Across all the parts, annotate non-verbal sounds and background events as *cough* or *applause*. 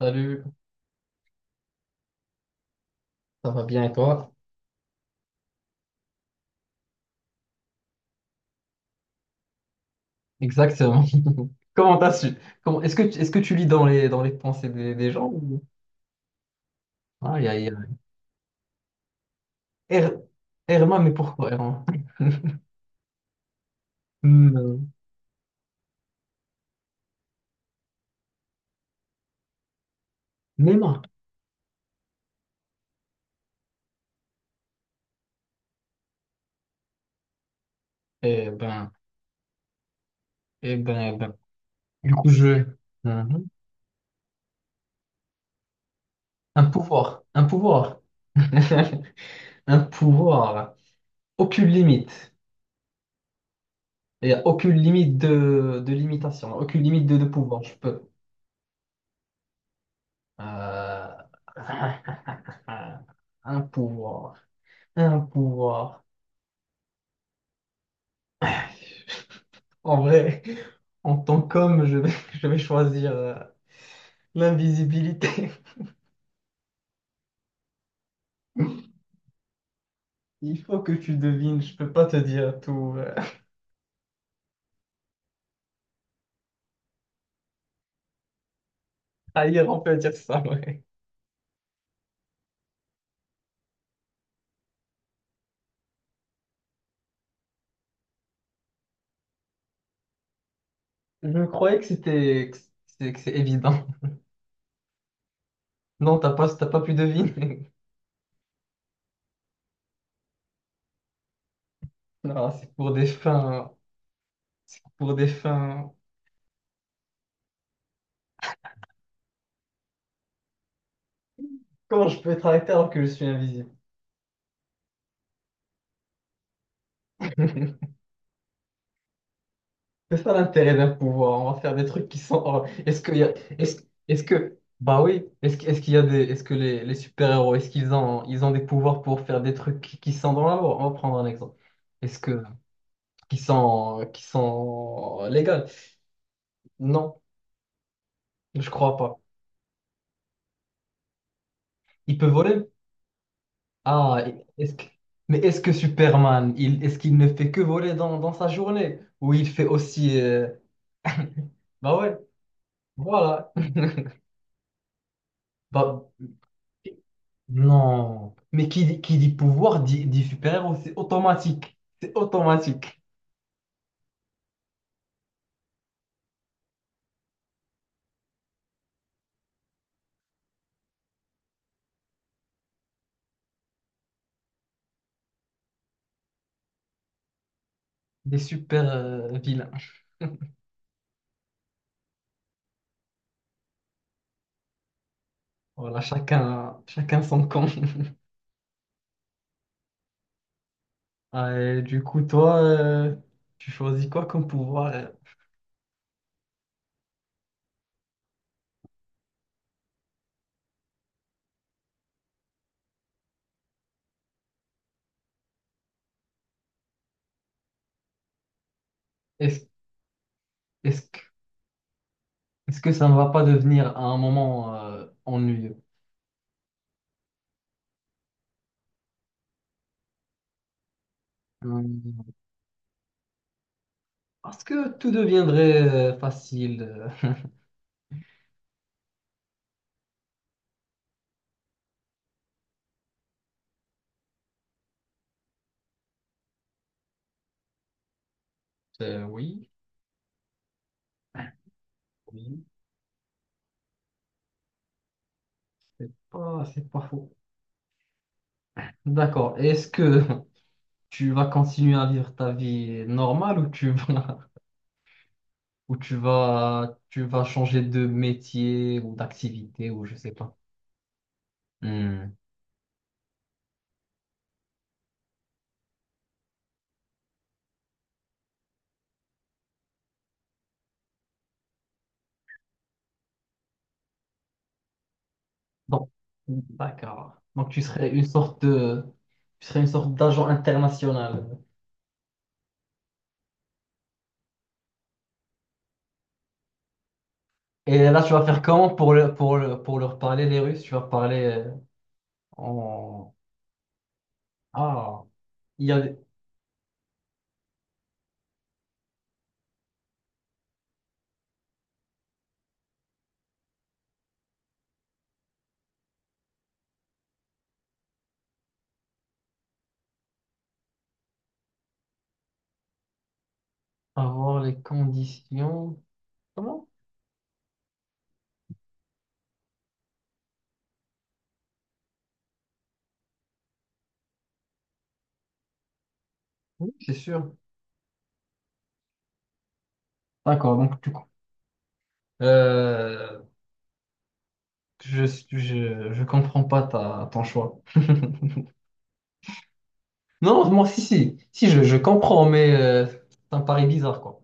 Salut, ça va bien et toi? Exactement. *laughs* Comment t'as su? Comment, est-ce que tu lis dans les pensées des gens ou... Ah, Er- Erma, mais pourquoi Erma? *laughs* Non. Néma. Eh ben, eh ben, eh ben. Du coup, je... Mhm. Un pouvoir, *laughs* un pouvoir. Aucune limite. Il n'y a aucune limite de limitation, aucune limite de pouvoir. Je peux. Euh, *laughs* Un pouvoir. Un pouvoir. En vrai, en tant qu'homme, je vais, *laughs* je vais choisir l'invisibilité. *laughs* Il faut que tu devines, je peux pas te dire tout. Ailleurs, on peut dire ça, ouais. Je croyais que c'était que c'est évident. Non, t'as pas pu deviner. *laughs* Non, c'est pour des fins, pour des fins. Comment je peux être arrêté alors que je suis invisible? *laughs* C'est ça l'intérêt d'un pouvoir. On va faire des trucs qui sont. Est-ce qu'il y a... est-ce... est-ce que. Bah oui. Est-ce qu'il y a des. Est-ce que les super-héros, ils ont des pouvoirs pour faire des trucs qui sont dans la loi? On va prendre un exemple. Est-ce que. Qui sont légales? Non, je crois pas. Il peut voler? Ah, est-ce que. Mais est-ce que Superman, est-ce qu'il ne fait que voler dans sa journée? Ou il fait aussi. Bah ouais, voilà. *laughs* Bah, non. Mais qui dit pouvoir dit super-héros, c'est automatique. C'est automatique. Des super-vilains. *laughs* Voilà, chacun, chacun son camp. *laughs* Ah, et du coup, toi, tu choisis quoi comme pouvoir? Est-ce, est-ce que, est-ce que ça ne va pas devenir à un moment ennuyeux? Hmm, parce que tout deviendrait facile. *laughs* Oui, oui, c'est pas faux. D'accord. Est-ce que *laughs* tu vas continuer à vivre ta vie normale ou tu vas, *laughs* ou tu vas changer de métier ou d'activité ou je sais pas. Hmm. Donc, d'accord. Donc, tu serais tu serais une sorte d'agent international. Et là, tu vas faire comment pour leur parler, les Russes? Tu vas parler en... Ah, il y a avoir les conditions. Comment? Oui, c'est sûr. D'accord, donc Euh, Je, je comprends pas ta, ton choix. Non, moi, si, si, si, je comprends, mais c'est un pari bizarre, quoi.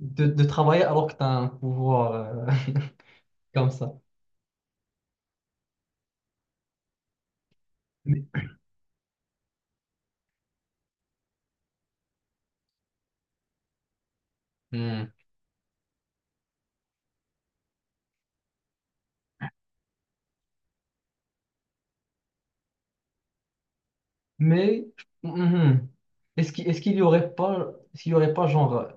De travailler alors que tu as un pouvoir *laughs* comme ça. Mais, Hmm. mais, mhm. Est-ce qu'il y aurait pas, genre,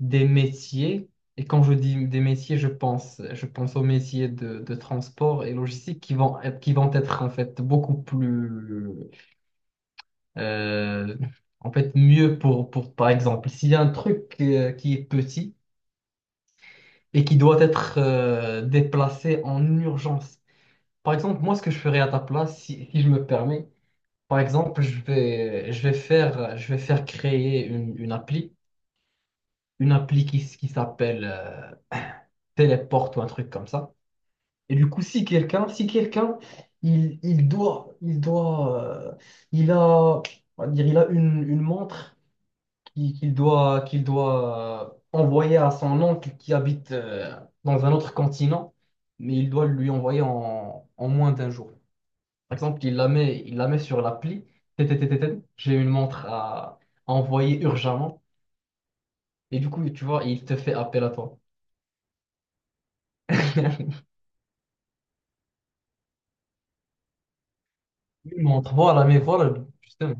des métiers, et quand je dis des métiers, je pense aux métiers de transport et logistique qui vont être, en fait, beaucoup plus Euh, en fait, mieux par exemple, s'il y a un truc qui est petit et qui doit être déplacé en urgence. Par exemple, moi, ce que je ferais à ta place, si je me permets, par exemple, je vais faire créer une appli qui s'appelle Téléport ou un truc comme ça. Et du coup, si quelqu'un, si quelqu'un, il, il doit, il doit, euh, il a, on va dire, il a une montre qu'il doit envoyer à son oncle qui habite dans un autre continent, mais il doit lui envoyer en moins d'un jour. Par exemple, il la met sur l'appli. TTTTT, j'ai une montre à envoyer urgemment. Et du coup, tu vois, il te fait appel à toi. *laughs* Une montre, voilà, mais voilà, justement.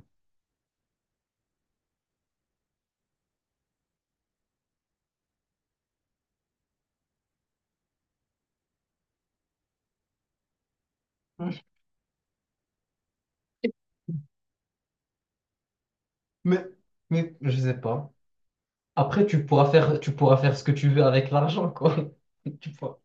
Mais, mais je sais pas. Après, tu pourras faire ce que tu veux avec l'argent, quoi. *laughs* Tu vois.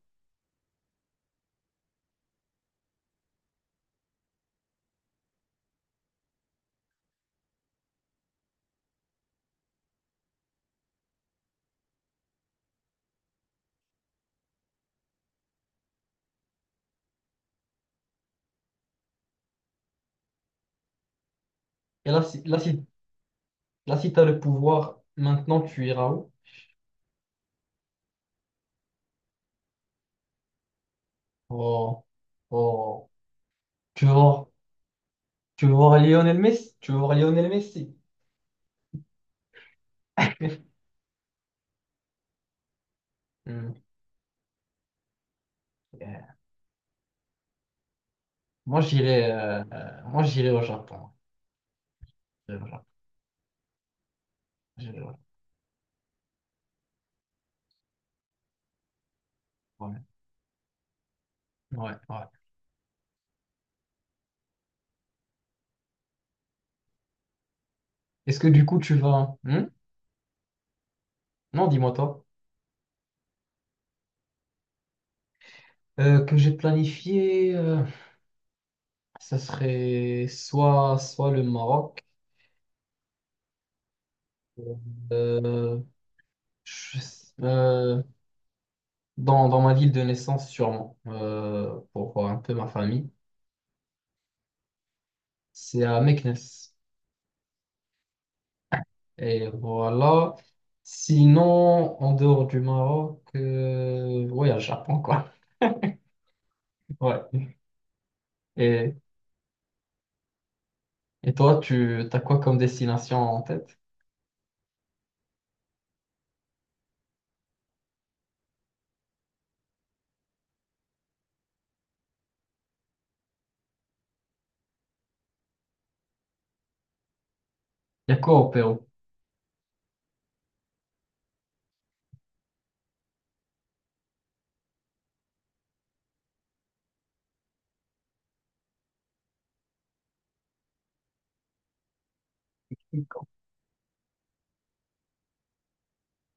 Et là, si, là, si Là, si tu as le pouvoir, maintenant tu iras où? Oh, oh. Tu veux voir, tu veux voir Lionel Messi? Tu veux voir Lionel Messi? *laughs* Hmm. Yeah. Moi, j'irai au Japon. J'irai au Japon. J'irai au Japon. Ouais, ouais. Ouais. Est-ce que du coup, tu vas... Hmm. Non, dis-moi toi. Que j'ai planifié, ça serait soit le Maroc, euh, je euh, dans ma ville de naissance sûrement, pour voir un peu ma famille. C'est à Meknès. Et voilà. Sinon, en dehors du Maroc, ouais, à Japon, quoi. *laughs* Ouais. Et, et toi, tu as quoi comme destination en tête? Il y a quoi au Pérou?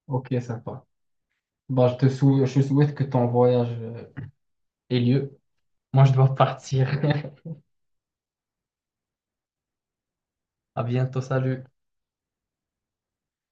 Ok, sympa. Bah, je souhaite que ton voyage ait lieu. Moi, je dois partir. À bientôt, salut.